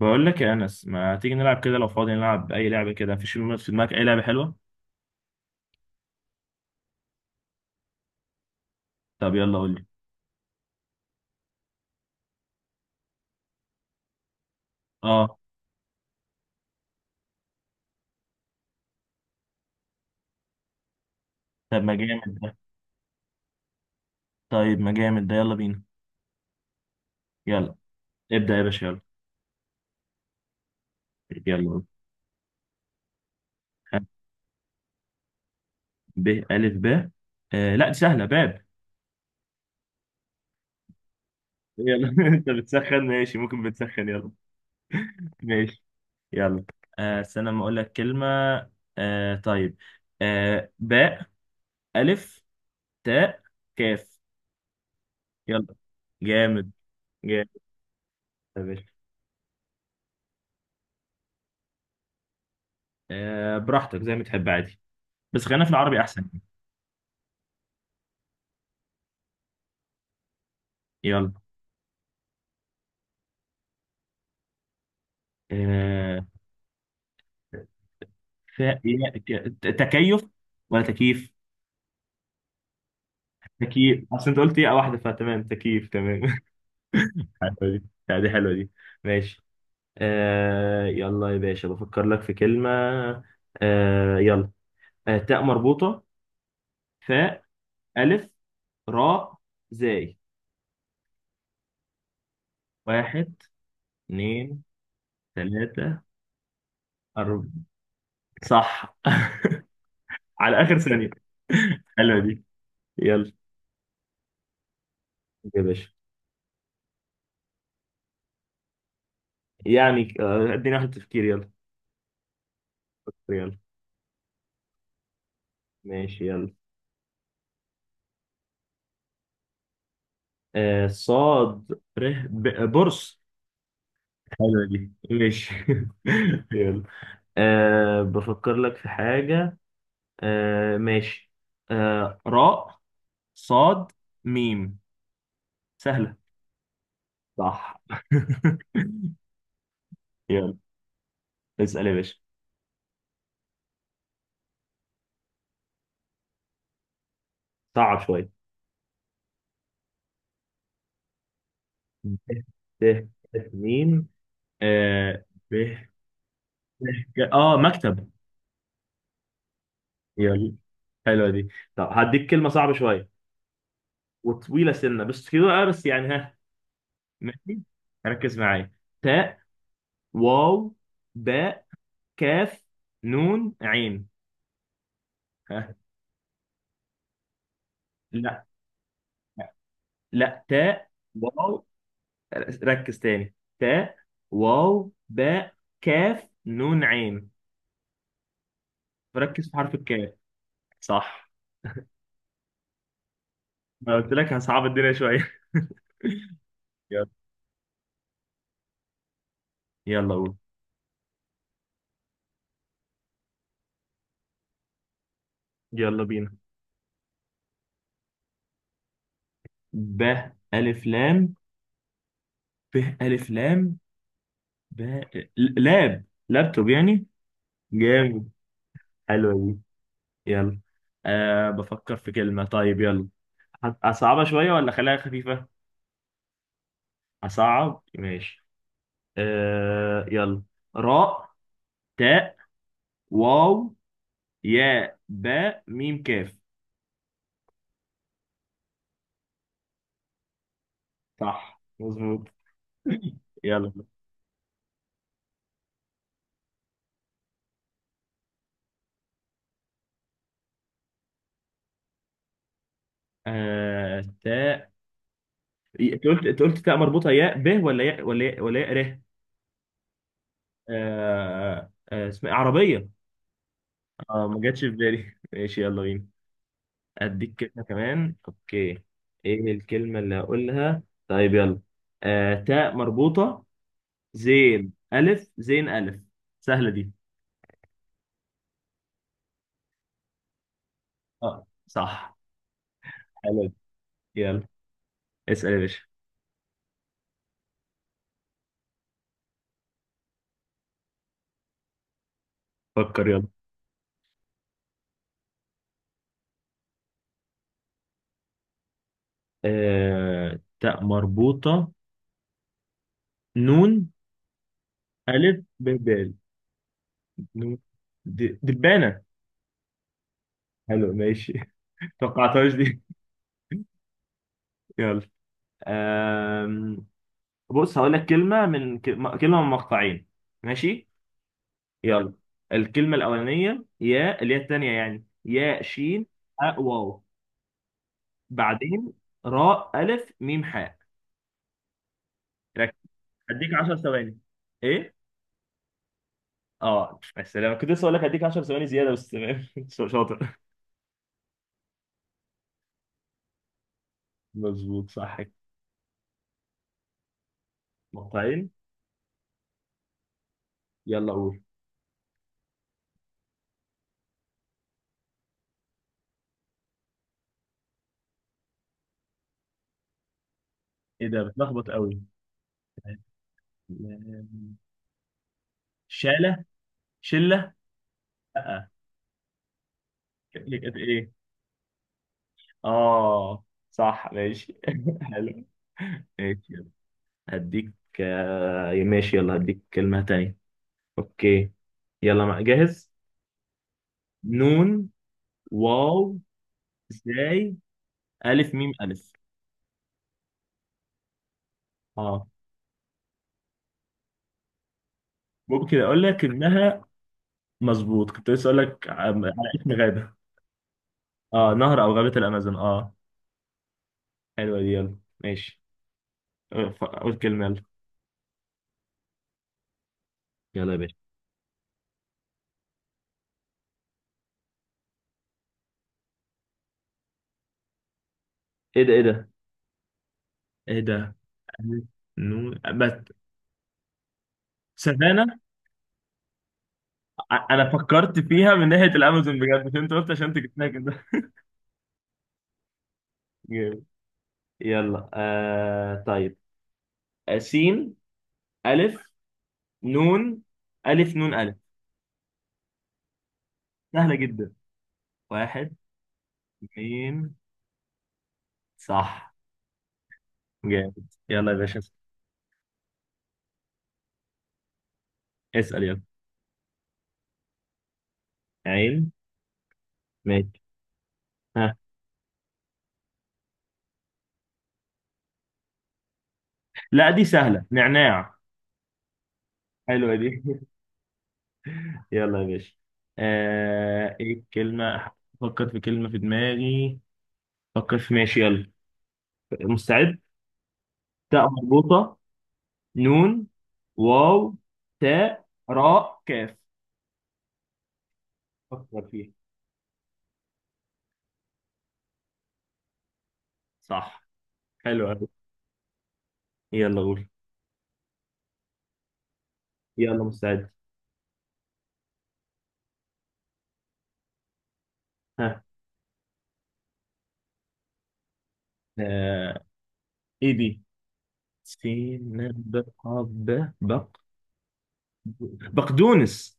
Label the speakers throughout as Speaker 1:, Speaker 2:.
Speaker 1: بقول لك يا انس، ما تيجي نلعب كده لو فاضي؟ نلعب اي لعبه كده، مفيش في دماغك اي لعبه حلوه؟ طب يلا قول لي. اه. طب ما جامد ده. طيب ما جامد ده، يلا بينا. يلا. ابدا يا باشا، يلا. يلا قول. ب، الف، ب. لا دي سهله، باب. يلا، انت بتسخن، ماشي ممكن، بتسخن يلا. ماشي، يلا. استنى ما اقول لك كلمه. طيب. باء، الف، تاء، كاف. يلا. جامد. جامد. يا باشا. براحتك زي ما تحب، عادي. بس خلينا في العربي احسن. يلا. آه... تكيف، ولا تكييف؟ تكييف، اصل انت قلت ايه واحده، فتمام تكييف تمام. حلوه دي، لا، دي حلوه دي. ماشي. يلا يا باشا، بفكر لك في كلمه. يلا. تاء مربوطه، فاء، الف، راء، زاي. واحد، اتنين، تلاته، اربعه. صح. على اخر ثانيه. حلوه دي. يلا يا باشا. يعني، اديني واحد تفكير، يلا. ريال. ماشي، يلا. صاد، ره، بورصة. حلوة دي، ماشي. يلا. بفكر لك في حاجة. ماشي. راء، صاد، ميم. سهلة. صح. يلا. اسأل يا باشا. صعب شوية. ب، ت. ت، ميم. آه. ب، ت. مكتب. يلا. حلوة دي. طب هديك كلمة صعبة شوية وطويلة، سنة بس كده بقى، بس يعني، ها. ماشي. ركز معايا. تاء، واو، باء، كاف، نون، عين، ها. لا. لا، تاء، واو. ركز تاني، تاء، واو، باء، كاف، نون، عين. ركز في حرف الكاف. صح. ما قلت لك هصعب الدنيا شوية؟ يلا. يلا قول. يلا بينا. ب، ألف، لام. ب، ألف، لام. ب. لابتوب يعني. جامد. حلوة دي. يلا. بفكر في كلمة، طيب يلا. أصعبها شوية ولا خليها خفيفة؟ أصعب، ماشي. يلا. راء، تاء، واو، ياء، باء، ميم، كاف. صح مظبوط. يلا. تاء. أنت قلت، تاء مربوطة، ياء، ب، ولا ياء، ولا ياء، ولا ياء، ر. أه أه اسمها إيه؟ عربية. اه ما جاتش في بالي. ماشي، يلا بينا. اديك كلمة كمان، اوكي. ايه الكلمة اللي هقولها؟ طيب يلا. تاء مربوطة، زين، الف، زين، الف. سهلة دي. اه صح. حلو. يلا. اسأل يا باشا. فكر، يلا. تاء مربوطة، نون، الف، ب، ب، نون. دبانة. حلو، ماشي. توقعتهاش دي. يلا. آم، بص، هقول لك كلمة من مقطعين. ماشي. يلا. الكلمة الأولانية، يا، اللي هي التانية يعني، يا شين. أ، واو. بعدين راء، ألف، ميم، حاء. ركز. هديك 10 ثواني. إيه؟ السلام، كنت لسه أقول لك هديك 10 ثواني زيادة، بس تمام. شاطر. مظبوط، صح كده. نقطتين. يلا قول. إيه ده، بتلخبط قوي. شالة. شلة. لأ. هي كانت إيه؟ آه. صح، ماشي. حلو. ماشي، يلا. هديك. ماشي يلا، هديك كلمة تانية. اوكي. يلا، مع، جاهز. نون، واو، زاي، الف، ميم، الف. اه. ممكن اقول لك انها. مظبوط، كنت لسه اقول لك على اسم غابه. اه، نهر او غابه الامازون، اه. حلوه دي، يلا. ماشي. قول كلمه، يلا. يلا يا باشا. ايه ده، ايه ده، ايه ده. ألف، نون بس. سافانا. انا فكرت فيها من ناحيه الامازون بجد، مش انت قلت عشان تجيبها كده. جامد. يلا. طيب. سين، الف، نون، الف، نون، الف. سهلة جدا. واحد. اثنين. صح. جامد، يلا يا باشا. اسأل، يلا. عين. ماشي. ها. لا، دي سهلة، نعناع. حلوة دي. يلا يا باشا. ايه الكلمة؟ فكر في كلمة في دماغي. فكر في، ماشي يلا. مستعد؟ تاء مربوطة، نون، واو، تاء، راء، كاف. فكر فيها. صح. حلوة أوي. يلا قول. يلا، مستعد. ها. آه... ايه دي؟ سين، ب. ب، بقدونس.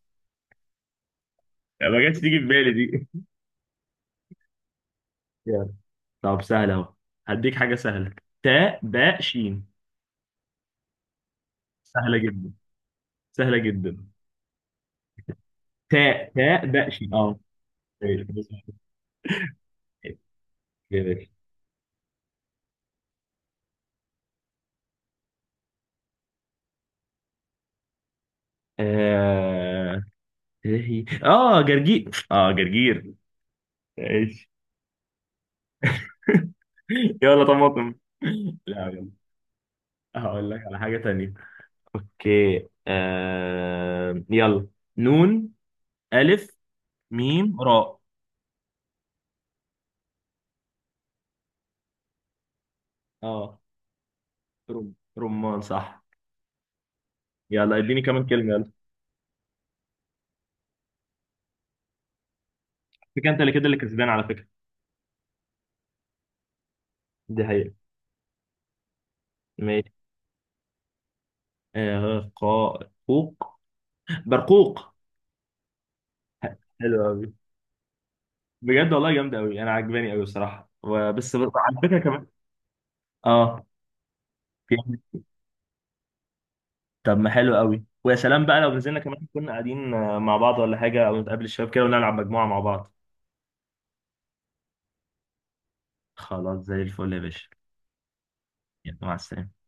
Speaker 1: ما جاتش تيجي في بالي دي. يلا. طب، سهلة اهو. هديك حاجة سهلة. تاء، باء، شين. سهلة جدا. سهلة جدا. تاء، باء، شين، اه. إيه، جميل. اه. إيه هي؟ جرجير. ايش. يلا، طماطم. لا، يلا. هقول لك على حاجة تانية. اوكي. يلا. نون، ألف، ميم، راء. اه. رمان، صح. يلا، اديني كمان كلمة، يلا. فكرة، انت اللي كده، اللي كسبان على فكرة. دي حقيقة. ماشي. آه قا قوق برقوق. حلو قوي. بجد والله، جامدة قوي، انا عجباني قوي بصراحة، بس على فكرة كمان. اه. في. طب ما حلو قوي، ويا سلام بقى لو نزلنا كمان كنا قاعدين مع بعض ولا حاجة، او نتقابل الشباب كده ونلعب مجموعة مع بعض. خلاص، زي الفل يا باشا. يلا، مع السلامة.